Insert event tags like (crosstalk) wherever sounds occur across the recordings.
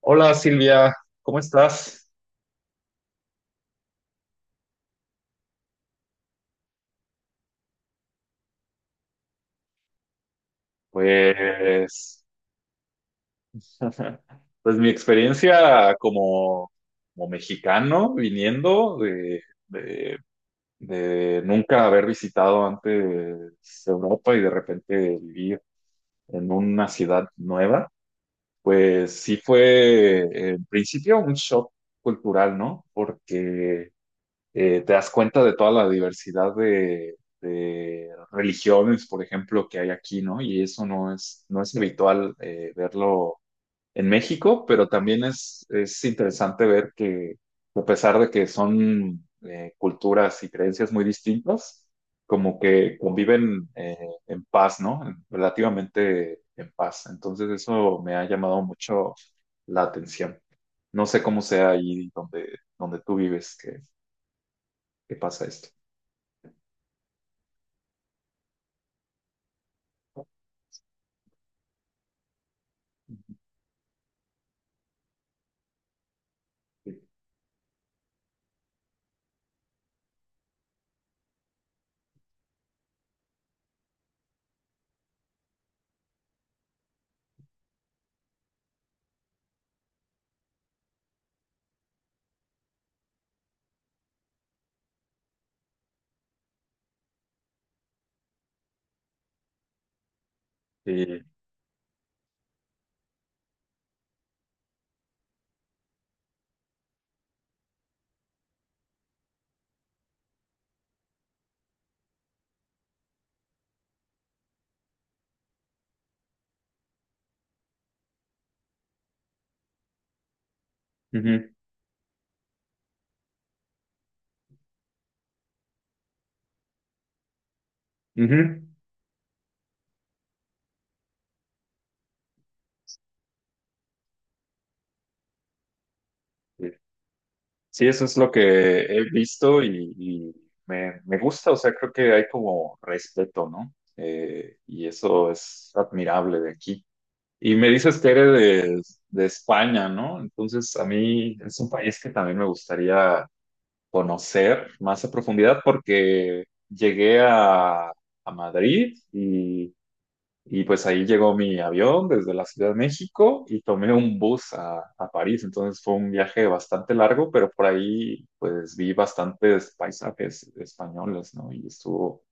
Hola Silvia, ¿cómo estás? Pues, (laughs) pues mi experiencia como mexicano viniendo de- de nunca haber visitado antes Europa y de repente vivir en una ciudad nueva, pues sí fue en principio un shock cultural, ¿no? Porque te das cuenta de toda la diversidad de religiones, por ejemplo, que hay aquí, ¿no? Y eso no es habitual verlo en México, pero también es interesante ver que a pesar de que son culturas y creencias muy distintas, como que conviven en paz, ¿no? Relativamente en paz. Entonces eso me ha llamado mucho la atención. No sé cómo sea ahí donde tú vives que pasa esto. Sí, ujú, ujú. Eh, Sí, eso es lo que he visto y me gusta, o sea, creo que hay como respeto, ¿no? Y eso es admirable de aquí. Y me dices que eres de España, ¿no? Entonces, a mí es un país que también me gustaría conocer más a profundidad porque llegué a Madrid y pues ahí llegó mi avión desde la Ciudad de México y tomé un bus a París. Entonces fue un viaje bastante largo, pero por ahí pues vi bastantes paisajes españoles, ¿no? Y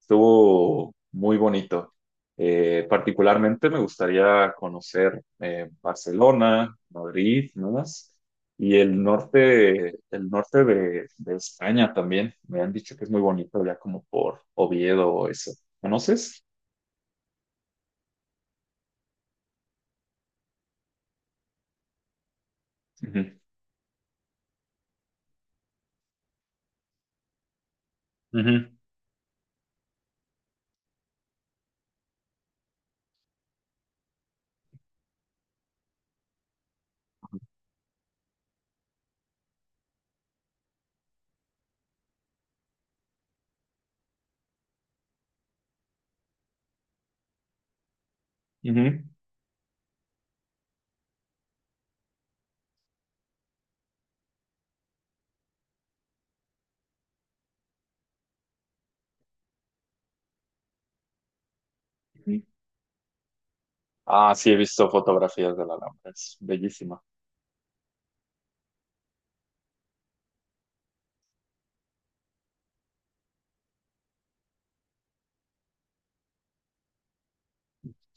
estuvo muy bonito. Particularmente me gustaría conocer Barcelona, Madrid, ¿no más? Y el norte de España también. Me han dicho que es muy bonito ya como por Oviedo o eso. ¿Conoces? Ujú. Ujú. Ujú. Ujú. Ah, sí, he visto fotografías de la Alhambra, es bellísima.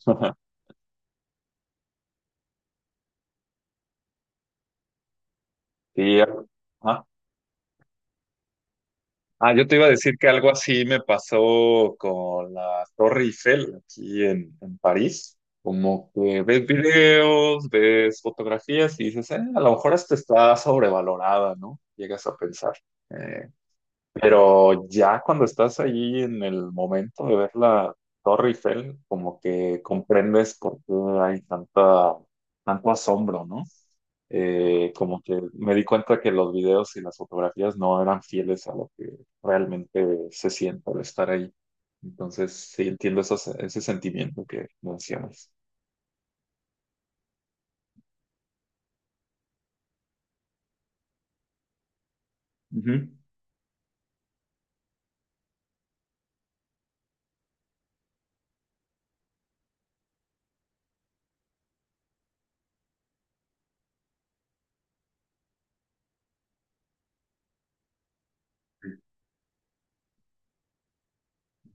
(laughs) Sí, ajá. Ah, yo te iba a decir que algo así me pasó con la Torre Eiffel aquí en París. Como que ves videos, ves fotografías y dices, A lo mejor esta está sobrevalorada, ¿no? Llegas a pensar. eh, Pero ya cuando estás ahí en el momento de ver la Torre Eiffel, como que comprendes por qué hay tanta, tanto asombro, ¿no? Como que me di cuenta que los videos y las fotografías no eran fieles a lo que realmente se siente al estar ahí. Entonces, sí entiendo ese sentimiento que mencionas. Ujú.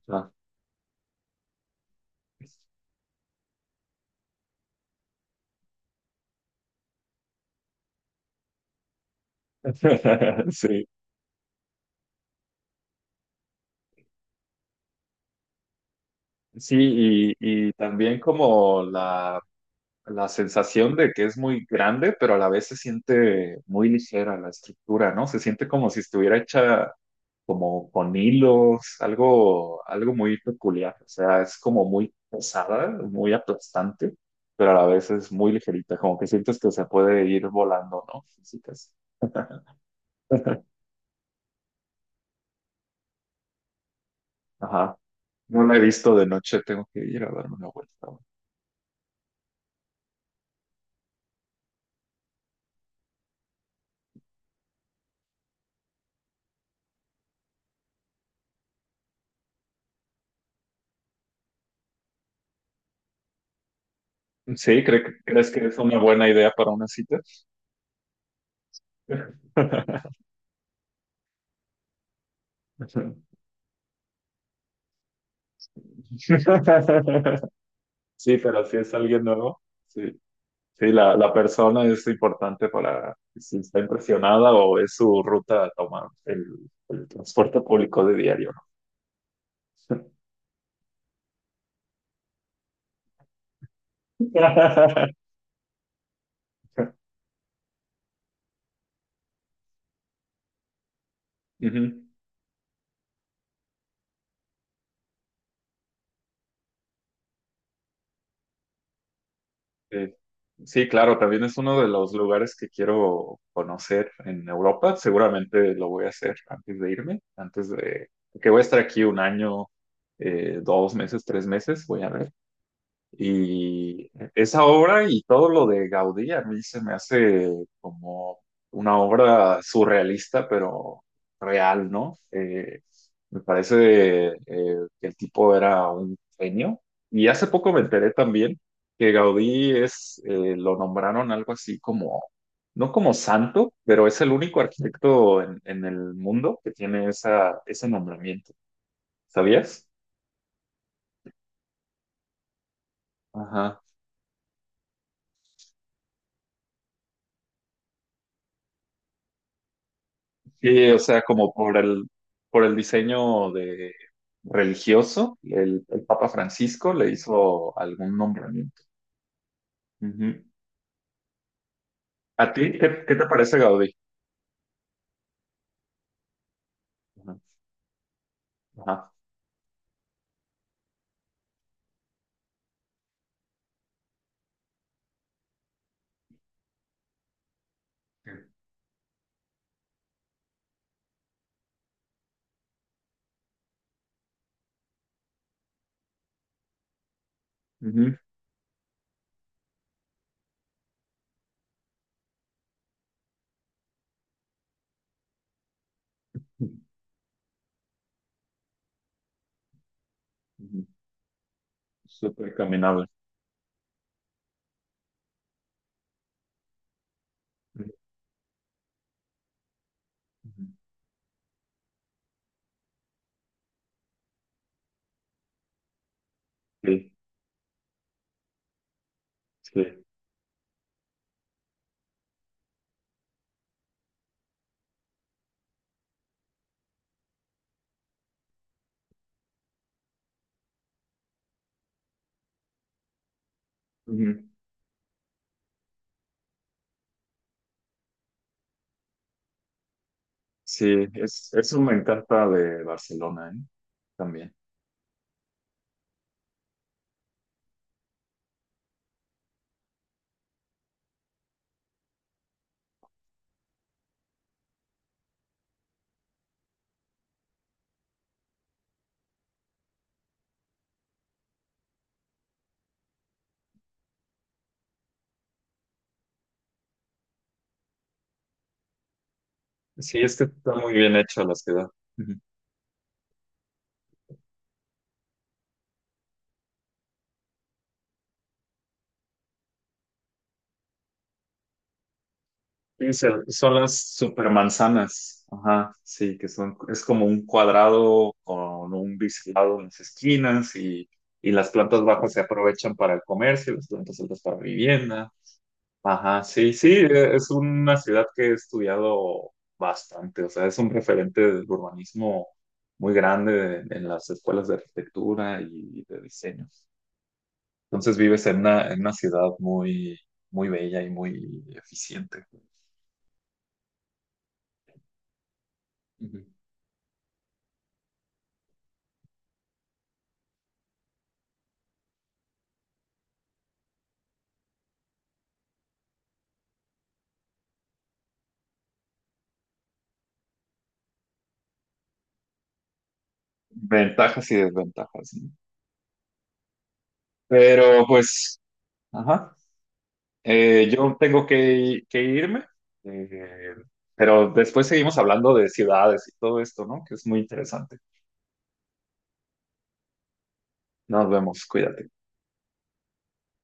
Ah. (laughs) Sí, sí, y también como La sensación de que es muy grande, pero a la vez se siente muy ligera la estructura, ¿no? Se siente como si estuviera hecha como con hilos, algo, algo muy peculiar. O sea, es como muy pesada, muy aplastante, pero a la vez es muy ligerita, como que sientes que se puede ir volando, ¿no? Físicas. Ajá. No la he visto de noche, tengo que ir a darme una vuelta. Sí, ¿crees que es una buena idea para una cita? (laughs) Sí, pero si es alguien nuevo, sí. Sí, la persona es importante para si está impresionada o es su ruta a tomar el transporte público de diario, ¿no? (laughs) Ujú. Sí. Sí, claro, también es uno de los lugares que quiero conocer en Europa. Seguramente lo voy a hacer antes de irme, antes de que voy a estar aquí un año, 2 meses, 3 meses, voy a ver. Y esa obra y todo lo de Gaudí a mí se me hace como una obra surrealista, pero real, ¿no? Me parece que el tipo era un genio. Y hace poco me enteré también que Gaudí lo nombraron algo así como, no como santo, pero es el único arquitecto en el mundo que tiene esa, ese nombramiento. ¿Sabías? Ajá. Sí, o sea, como por por el diseño de religioso, el Papa Francisco le hizo algún nombramiento. Ujú. ¿A ti qué te parece Gaudí? Ajá. Ajá. Ujú. Ujú. Súper caminable. Ujú. Sí, sí. Ujú. Sí, eso me encanta de Barcelona, ¿eh? También. Sí, es que está muy bien hecha la ciudad. Sí, son las supermanzanas. Ajá, sí, que son, es como un cuadrado con un biselado en las esquinas y las plantas bajas se aprovechan para el comercio, las plantas altas para vivienda. Ajá, sí, sí, es una ciudad que he estudiado bastante, o sea, es un referente del urbanismo muy grande en las escuelas de arquitectura y de diseño. Entonces vives en una ciudad muy, muy bella y muy eficiente. Ujú. Ventajas y desventajas, ¿no? Pero pues, ajá, yo tengo que irme, eh, pero después seguimos hablando de ciudades y todo esto, ¿no? Que es muy interesante. Nos vemos, cuídate.